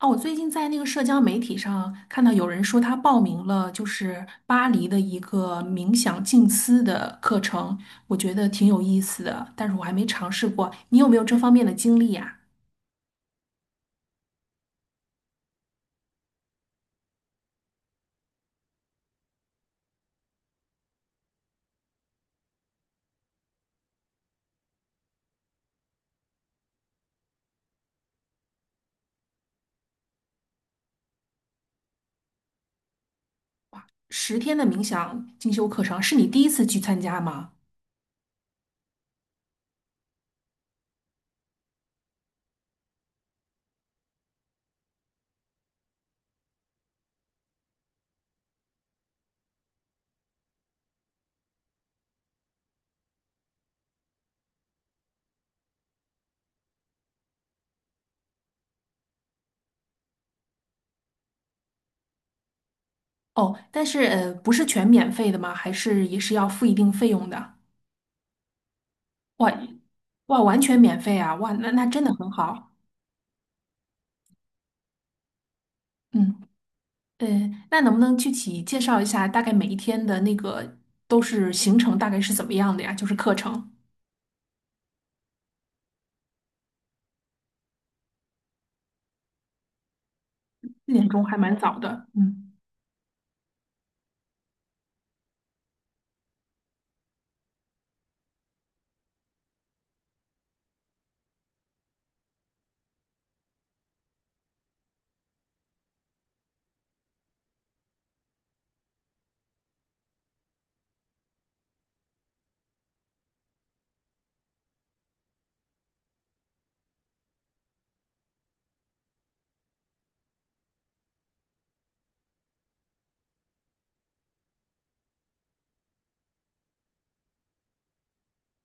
哦，我最近在那个社交媒体上看到有人说他报名了，就是巴黎的一个冥想静思的课程，我觉得挺有意思的，但是我还没尝试过。你有没有这方面的经历呀？十天的冥想进修课程是你第一次去参加吗？哦，但是不是全免费的吗？还是也是要付一定费用的？哇哇，完全免费啊！哇，那真的很好。嗯。嗯，那能不能具体介绍一下，大概每一天的那个都是行程大概是怎么样的呀？就是课程，四点钟还蛮早的。嗯，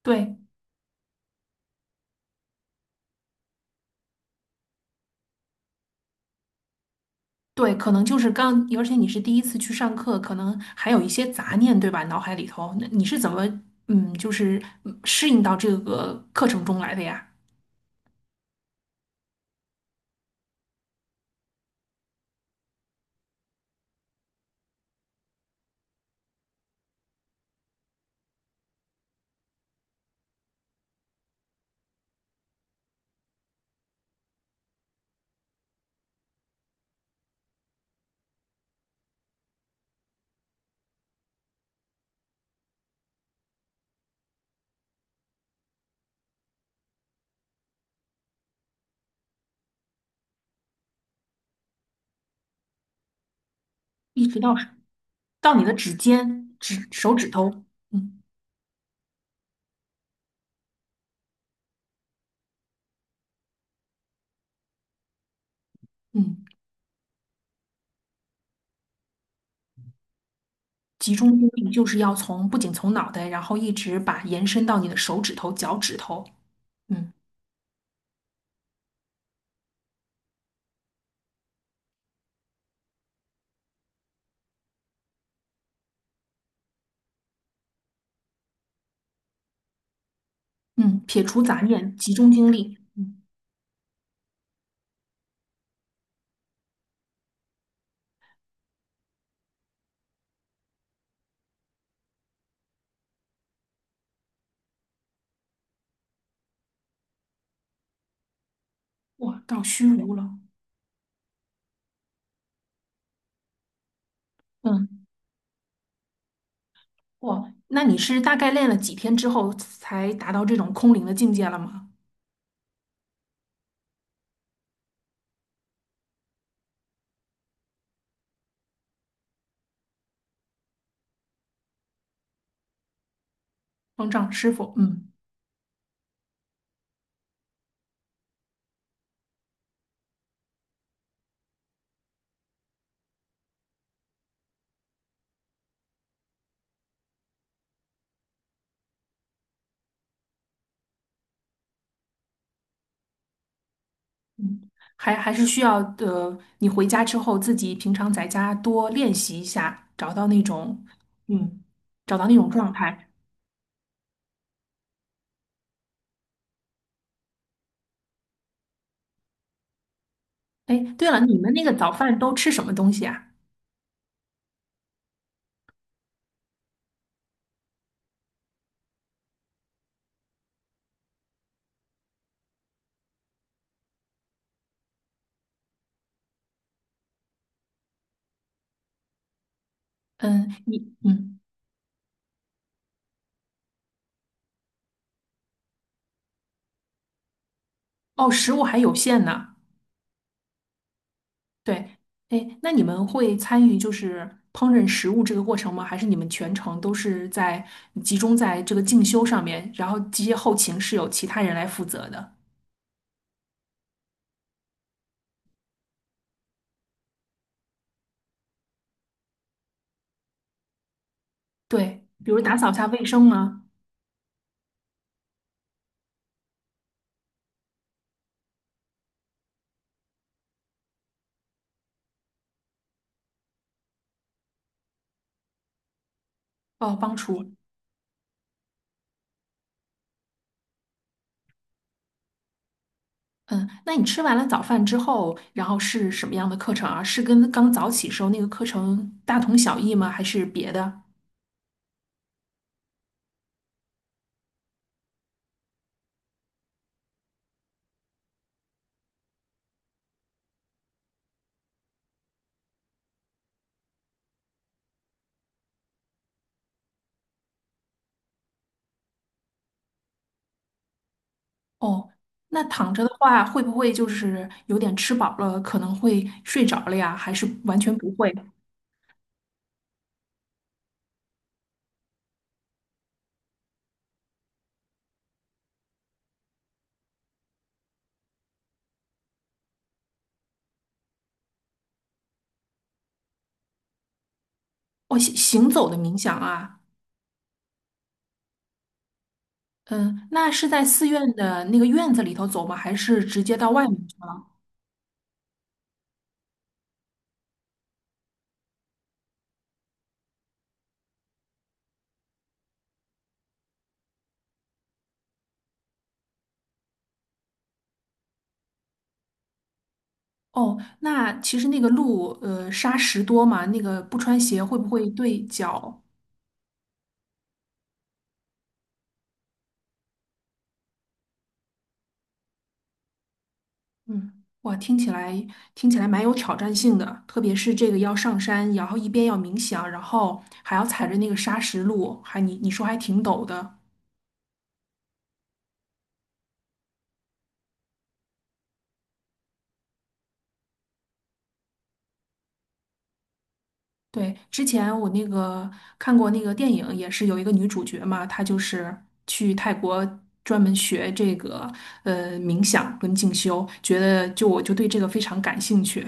对对，可能就是刚，而且你是第一次去上课，可能还有一些杂念，对吧？脑海里头，那你是怎么嗯，就是适应到这个课程中来的呀？一直到到你的指尖、指手指头，嗯嗯，集中精力就是要从不仅从脑袋，然后一直把延伸到你的手指头、脚趾头。嗯。嗯，撇除杂念，集中精力。嗯，哇，到虚无了。嗯，哇，那你是大概练了几天之后才达到这种空灵的境界了吗？方丈师傅，嗯嗯，还是需要你回家之后自己平常在家多练习一下，找到那种嗯，找到那种状态。哎，对了，你们那个早饭都吃什么东西啊？嗯，你嗯，哦，食物还有限呢。对，哎，那你们会参与就是烹饪食物这个过程吗？还是你们全程都是在集中在这个进修上面，然后这些后勤是由其他人来负责的？对，比如打扫一下卫生吗？哦，帮厨。嗯，那你吃完了早饭之后，然后是什么样的课程啊？是跟刚早起时候那个课程大同小异吗？还是别的？哦，那躺着的话，会不会就是有点吃饱了，可能会睡着了呀？还是完全不会？哦，行走的冥想啊，嗯，那是在寺院的那个院子里头走吗？还是直接到外面去了？哦，那其实那个路，沙石多嘛，那个不穿鞋会不会对脚？嗯，哇，听起来蛮有挑战性的，特别是这个要上山，然后一边要冥想，然后还要踩着那个沙石路，还你说还挺陡的。对，之前我那个看过那个电影，也是有一个女主角嘛，她就是去泰国专门学这个冥想跟静修，觉得就我就对这个非常感兴趣，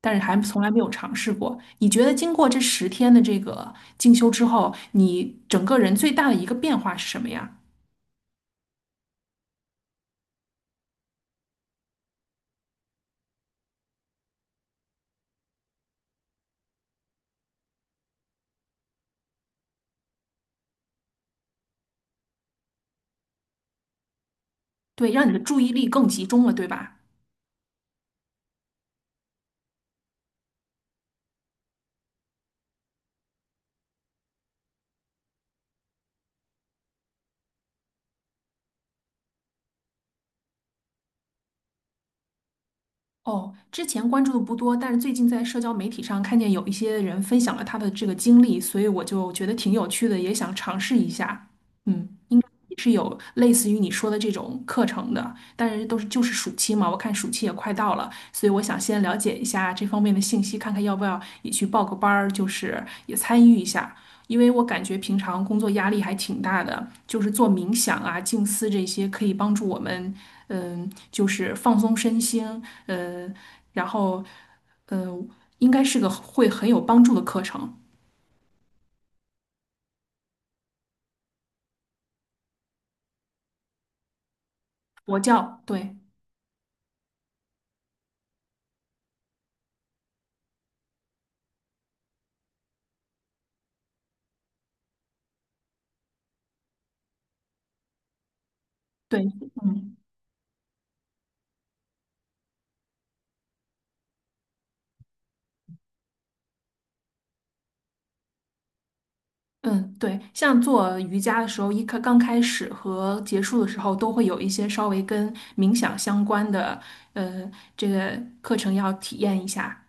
但是还从来没有尝试过。你觉得经过这十天的这个静修之后，你整个人最大的一个变化是什么呀？对，让你的注意力更集中了，对吧？哦，之前关注的不多，但是最近在社交媒体上看见有一些人分享了他的这个经历，所以我就觉得挺有趣的，也想尝试一下。嗯。是有类似于你说的这种课程的，但是都是就是暑期嘛，我看暑期也快到了，所以我想先了解一下这方面的信息，看看要不要也去报个班儿，就是也参与一下，因为我感觉平常工作压力还挺大的，就是做冥想啊、静思这些可以帮助我们，嗯，就是放松身心，嗯，然后，嗯，应该是个会很有帮助的课程。佛教，对对，嗯。嗯，对，像做瑜伽的时候，一开刚开始和结束的时候，都会有一些稍微跟冥想相关的，呃，这个课程要体验一下。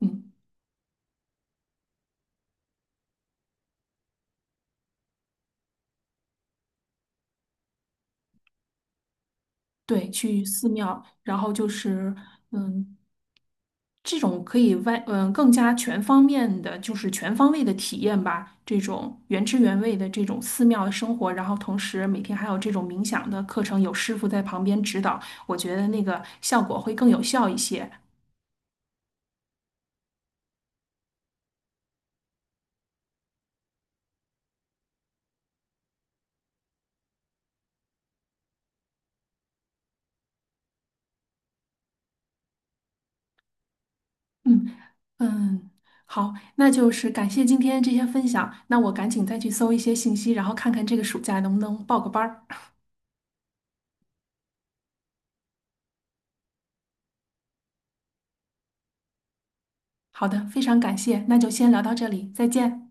嗯，对，去寺庙，然后就是，嗯，这种可以外，嗯，更加全方面的，就是全方位的体验吧。这种原汁原味的这种寺庙的生活，然后同时每天还有这种冥想的课程，有师傅在旁边指导，我觉得那个效果会更有效一些。嗯。嗯，好，那就是感谢今天这些分享，那我赶紧再去搜一些信息，然后看看这个暑假能不能报个班儿。好的，非常感谢，那就先聊到这里，再见。